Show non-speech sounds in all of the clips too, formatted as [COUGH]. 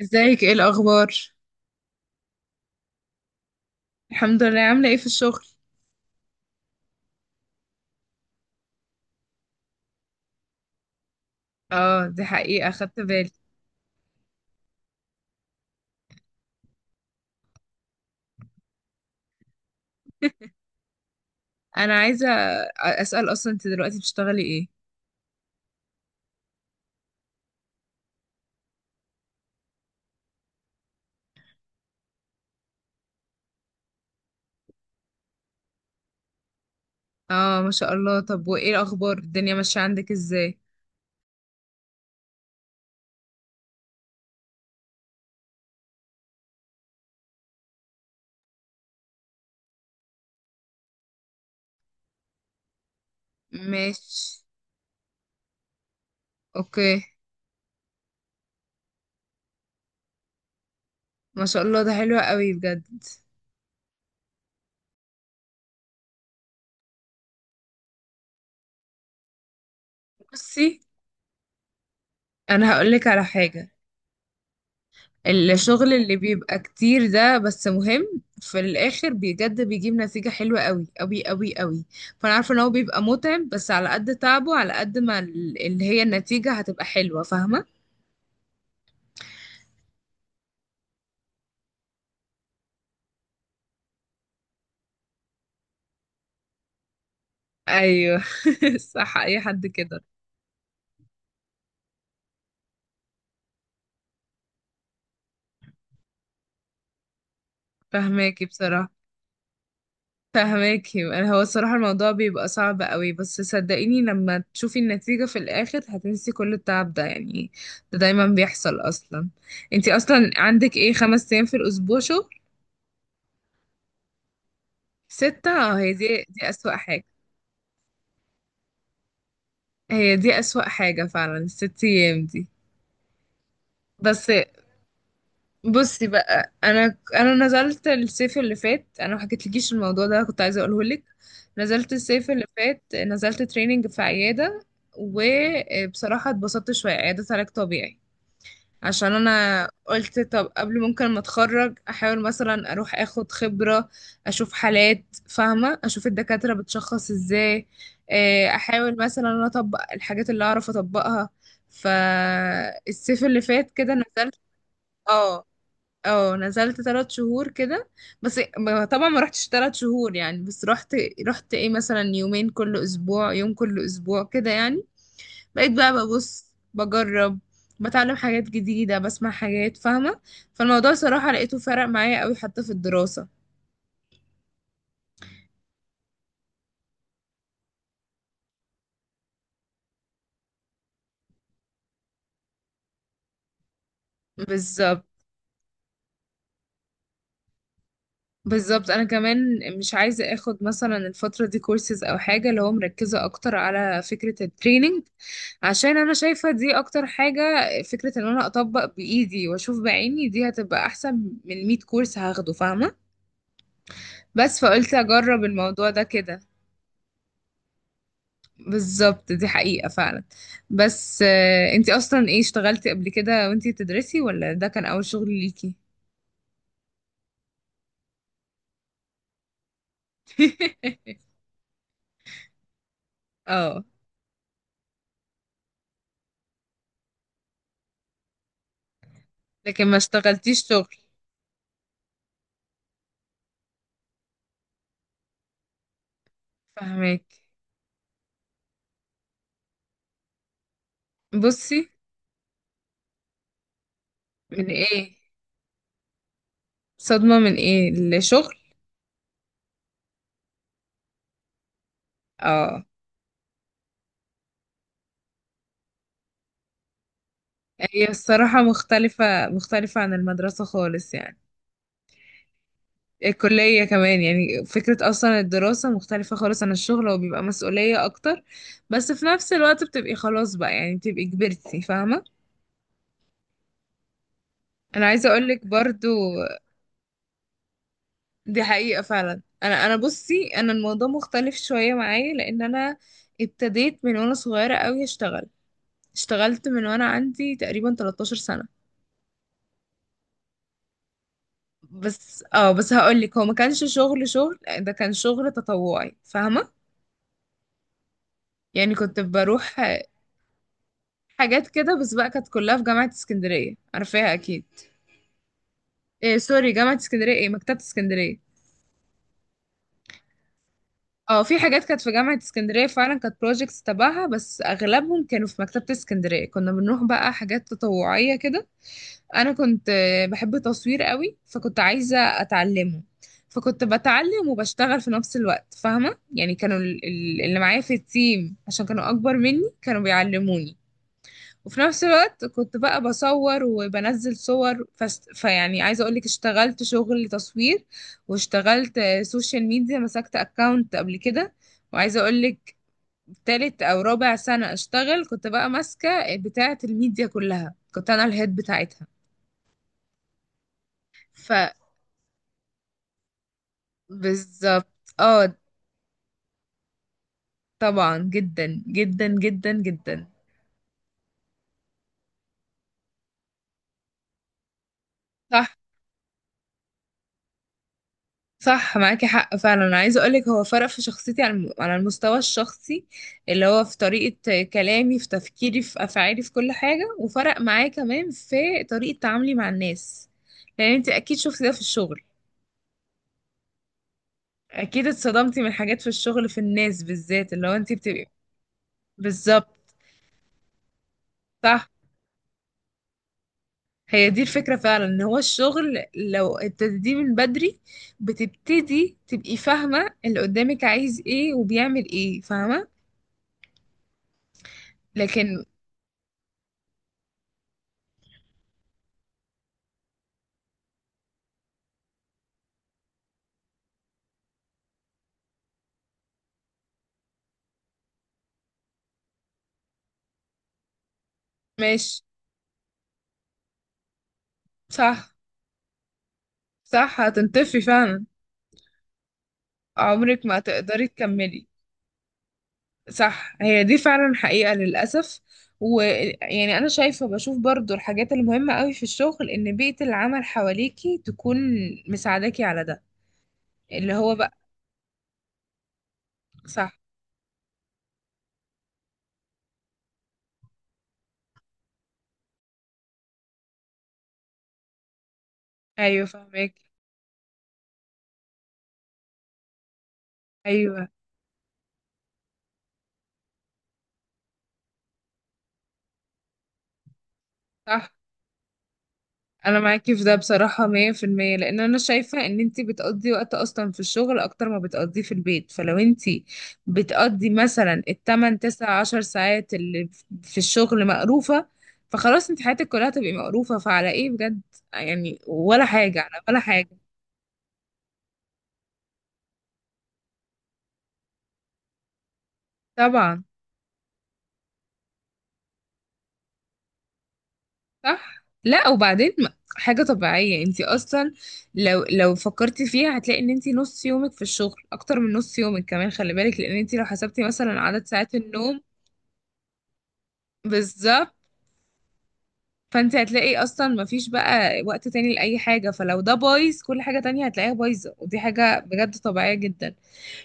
ازيك؟ ايه الاخبار؟ الحمد لله. عامله ايه في الشغل؟ اه، دي حقيقه، خدت بالي. انا عايزه اسال، اصلا انت دلوقتي بتشتغلي ايه؟ اه ما شاء الله. طب وايه الاخبار، الدنيا ماشيه عندك ازاي؟ ماشي. اوكي. ما شاء الله، ده حلو قوي بجد. بصي، انا هقولك على حاجه. الشغل اللي بيبقى كتير ده، بس مهم في الاخر، بجد بيجيب نتيجة حلوة قوي قوي قوي قوي. فانا عارفة ان هو بيبقى متعب، بس على قد تعبه على قد ما اللي هي النتيجة هتبقى حلوة، فاهمة؟ ايوه. [LAUGHS] صح، اي حد كده. فهماكي بصراحة. فهماكي، انا هو الصراحة الموضوع بيبقى صعب قوي، بس صدقيني لما تشوفي النتيجة في الاخر هتنسي كل التعب ده يعني. ده دايما بيحصل اصلا. انتي اصلا عندك ايه، 5 ايام في الاسبوع؟ ستة. اه، هي دي أسوأ حاجة. هي دي أسوأ حاجة فعلا، الست أيام دي. بس بصي بقى، أنا نزلت الصيف اللي فات. أنا ما حكيتلكيش الموضوع ده، كنت عايزة أقوله لك. نزلت الصيف اللي فات، نزلت تريننج في عيادة. وبصراحة اتبسطت شوية، عيادة علاج طبيعي. عشان انا قلت طب قبل ممكن ما اتخرج احاول مثلا اروح اخد خبرة. اشوف حالات، فاهمة؟ اشوف الدكاترة بتشخص ازاي. احاول مثلا انا اطبق الحاجات اللي اعرف اطبقها. فالصيف اللي فات كده نزلت. اه اه، نزلت 3 شهور كده. بس طبعا ما رحتش 3 شهور يعني، بس رحت. رحت ايه، مثلا يومين كل اسبوع، يوم كل اسبوع كده يعني. بقيت بقى ببص بجرب، بتعلم حاجات جديدة، بسمع حاجات، فاهمة؟ فالموضوع صراحة لقيته فرق معايا قوي حتى في الدراسة. بالظبط. بالظبط، انا كمان مش عايزة اخد مثلا الفترة دي كورسز او حاجة، اللي هو مركزة اكتر على فكرة التريننج. عشان انا شايفة دي اكتر حاجة. فكرة ان انا اطبق بايدي واشوف بعيني دي هتبقى احسن من 100 كورس هاخده، فاهمة؟ بس فقلت اجرب الموضوع ده كده. بالظبط، دي حقيقة فعلا. بس انتي اصلا ايه، اشتغلتي قبل كده وانتي بتدرسي، ولا ده كان اول شغل ليكي؟ [LAUGHS] اه. لكن ما اشتغلتيش شغل. فهمك. بصي، من ايه؟ صدمة من ايه، الشغل؟ اه، هي الصراحة مختلفة، مختلفة عن المدرسة خالص يعني. الكلية كمان، يعني فكرة أصلا الدراسة مختلفة خالص عن الشغل، وبيبقى مسؤولية أكتر. بس في نفس الوقت بتبقي خلاص بقى يعني، بتبقي كبرتي، فاهمة؟ انا عايزه اقول لك برضو. دي حقيقه فعلا. انا بصي انا الموضوع مختلف شويه معايا، لان انا ابتديت من وانا صغيره قوي اشتغل. اشتغلت من وانا عندي تقريبا 13 سنه. بس اه، بس هقول لك، هو ما كانش شغل شغل. ده كان شغل تطوعي، فاهمه؟ يعني كنت بروح حاجات كده، بس بقى كانت كلها في جامعه اسكندريه، عارفاها اكيد. إيه، سوري، جامعه اسكندريه ايه، مكتبه اسكندريه. اه، في حاجات كانت في جامعة اسكندرية فعلا كانت بروجيكتس تبعها، بس اغلبهم كانوا في مكتبة اسكندرية. كنا بنروح بقى حاجات تطوعية كده. انا كنت بحب تصوير قوي فكنت عايزة اتعلمه. فكنت بتعلم وبشتغل في نفس الوقت، فاهمة يعني؟ كانوا اللي معايا في التيم، عشان كانوا اكبر مني كانوا بيعلموني. وفي نفس الوقت كنت بقى بصور وبنزل صور، فيعني عايزه اقولك اشتغلت شغل تصوير. واشتغلت سوشيال ميديا، مسكت اكاونت قبل كده. وعايزه اقولك، تالت او رابع سنه اشتغل كنت بقى ماسكه بتاعه الميديا كلها، كنت انا الهيد بتاعتها. ف بالظبط. اه طبعا، جدا جدا جدا جدا. صح. صح معاكي حق فعلا. انا عايزه اقولك، هو فرق في شخصيتي على على المستوى الشخصي، اللي هو في طريقه كلامي، في تفكيري، في افعالي، في كل حاجه. وفرق معايا كمان في طريقه تعاملي مع الناس. لان انت اكيد شفتي ده في الشغل. اكيد اتصدمتي من حاجات في الشغل، في الناس بالذات، اللي هو انت بتبقي. بالظبط. صح، هي دي الفكره فعلا. ان هو الشغل لو ابتديتيه من بدري بتبتدي تبقي فاهمه اللي قدامك عايز ايه وبيعمل ايه، فاهمه؟ لكن ماشي. صح. صح، هتنطفي فعلا. عمرك ما تقدري تكملي. صح، هي دي فعلا حقيقة للأسف. ويعني أنا شايفة، بشوف برضو الحاجات المهمة قوي في الشغل، إن بيئة العمل حواليكي تكون مساعداكي على ده، اللي هو بقى. صح. أيوة فاهمك. أيوة. صح. انا معاكي في ده بصراحة 100%. لان انا شايفة ان انتي بتقضي وقت اصلا في الشغل اكتر ما بتقضيه في البيت. فلو انتي بتقضي مثلا التمن تسع عشر ساعات اللي في الشغل مقروفة، فخلاص انت حياتك كلها تبقي مقروفة. فعلى ايه بجد يعني؟ ولا حاجة، على ولا حاجة. طبعا. صح. لا، وبعدين حاجة طبيعية. انتي اصلا لو فكرتي فيها هتلاقي ان انتي نص يومك في الشغل، اكتر من نص يومك كمان خلي بالك. لان انتي لو حسبتي مثلا عدد ساعات النوم. بالظبط. فانت هتلاقي اصلا مفيش بقى وقت تاني لاي حاجه، فلو ده بايظ كل حاجه تانية هتلاقيها بايظه. ودي حاجه بجد طبيعيه جدا.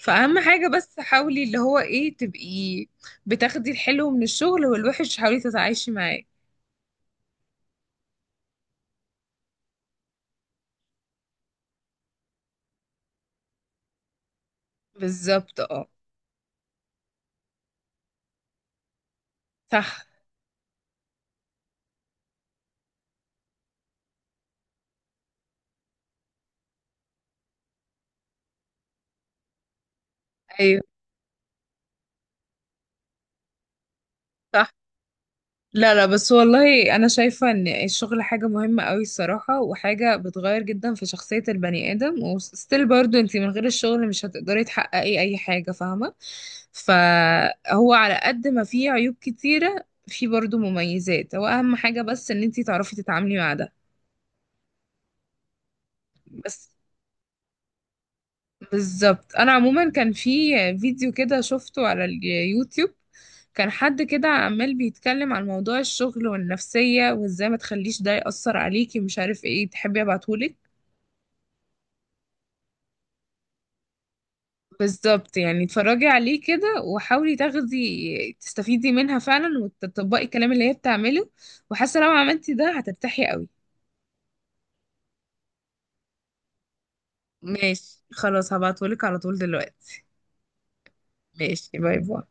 فاهم حاجه، بس حاولي اللي هو ايه، تبقي بتاخدي الحلو من الشغل والوحش، حاولي تتعايشي معاه. بالظبط. اه. صح. ايوه. صح. لا لا، بس والله انا شايفة ان الشغل حاجة مهمة قوي الصراحة، وحاجة بتغير جدا في شخصية البني ادم. وستيل برضو، انتي من غير الشغل مش هتقدري تحققي اي حاجة، فاهمة؟ فهو على قد ما فيه عيوب كتيرة، فيه برضو مميزات. هو اهم حاجة بس ان انتي تعرفي تتعاملي مع ده. بس بالظبط. انا عموما كان في فيديو كده شفته على اليوتيوب. كان حد كده عمال بيتكلم عن موضوع الشغل والنفسية وازاي ما تخليش ده يأثر عليكي، مش عارف ايه. تحبي ابعتهولك؟ بالظبط يعني. اتفرجي عليه كده وحاولي تاخدي، تستفيدي منها فعلا، وتطبقي الكلام اللي هي بتعمله. وحاسة لو عملتي ده هترتاحي قوي. ماشي، خلاص هبعتهولك على طول دلوقتي. ماشي، باي باي.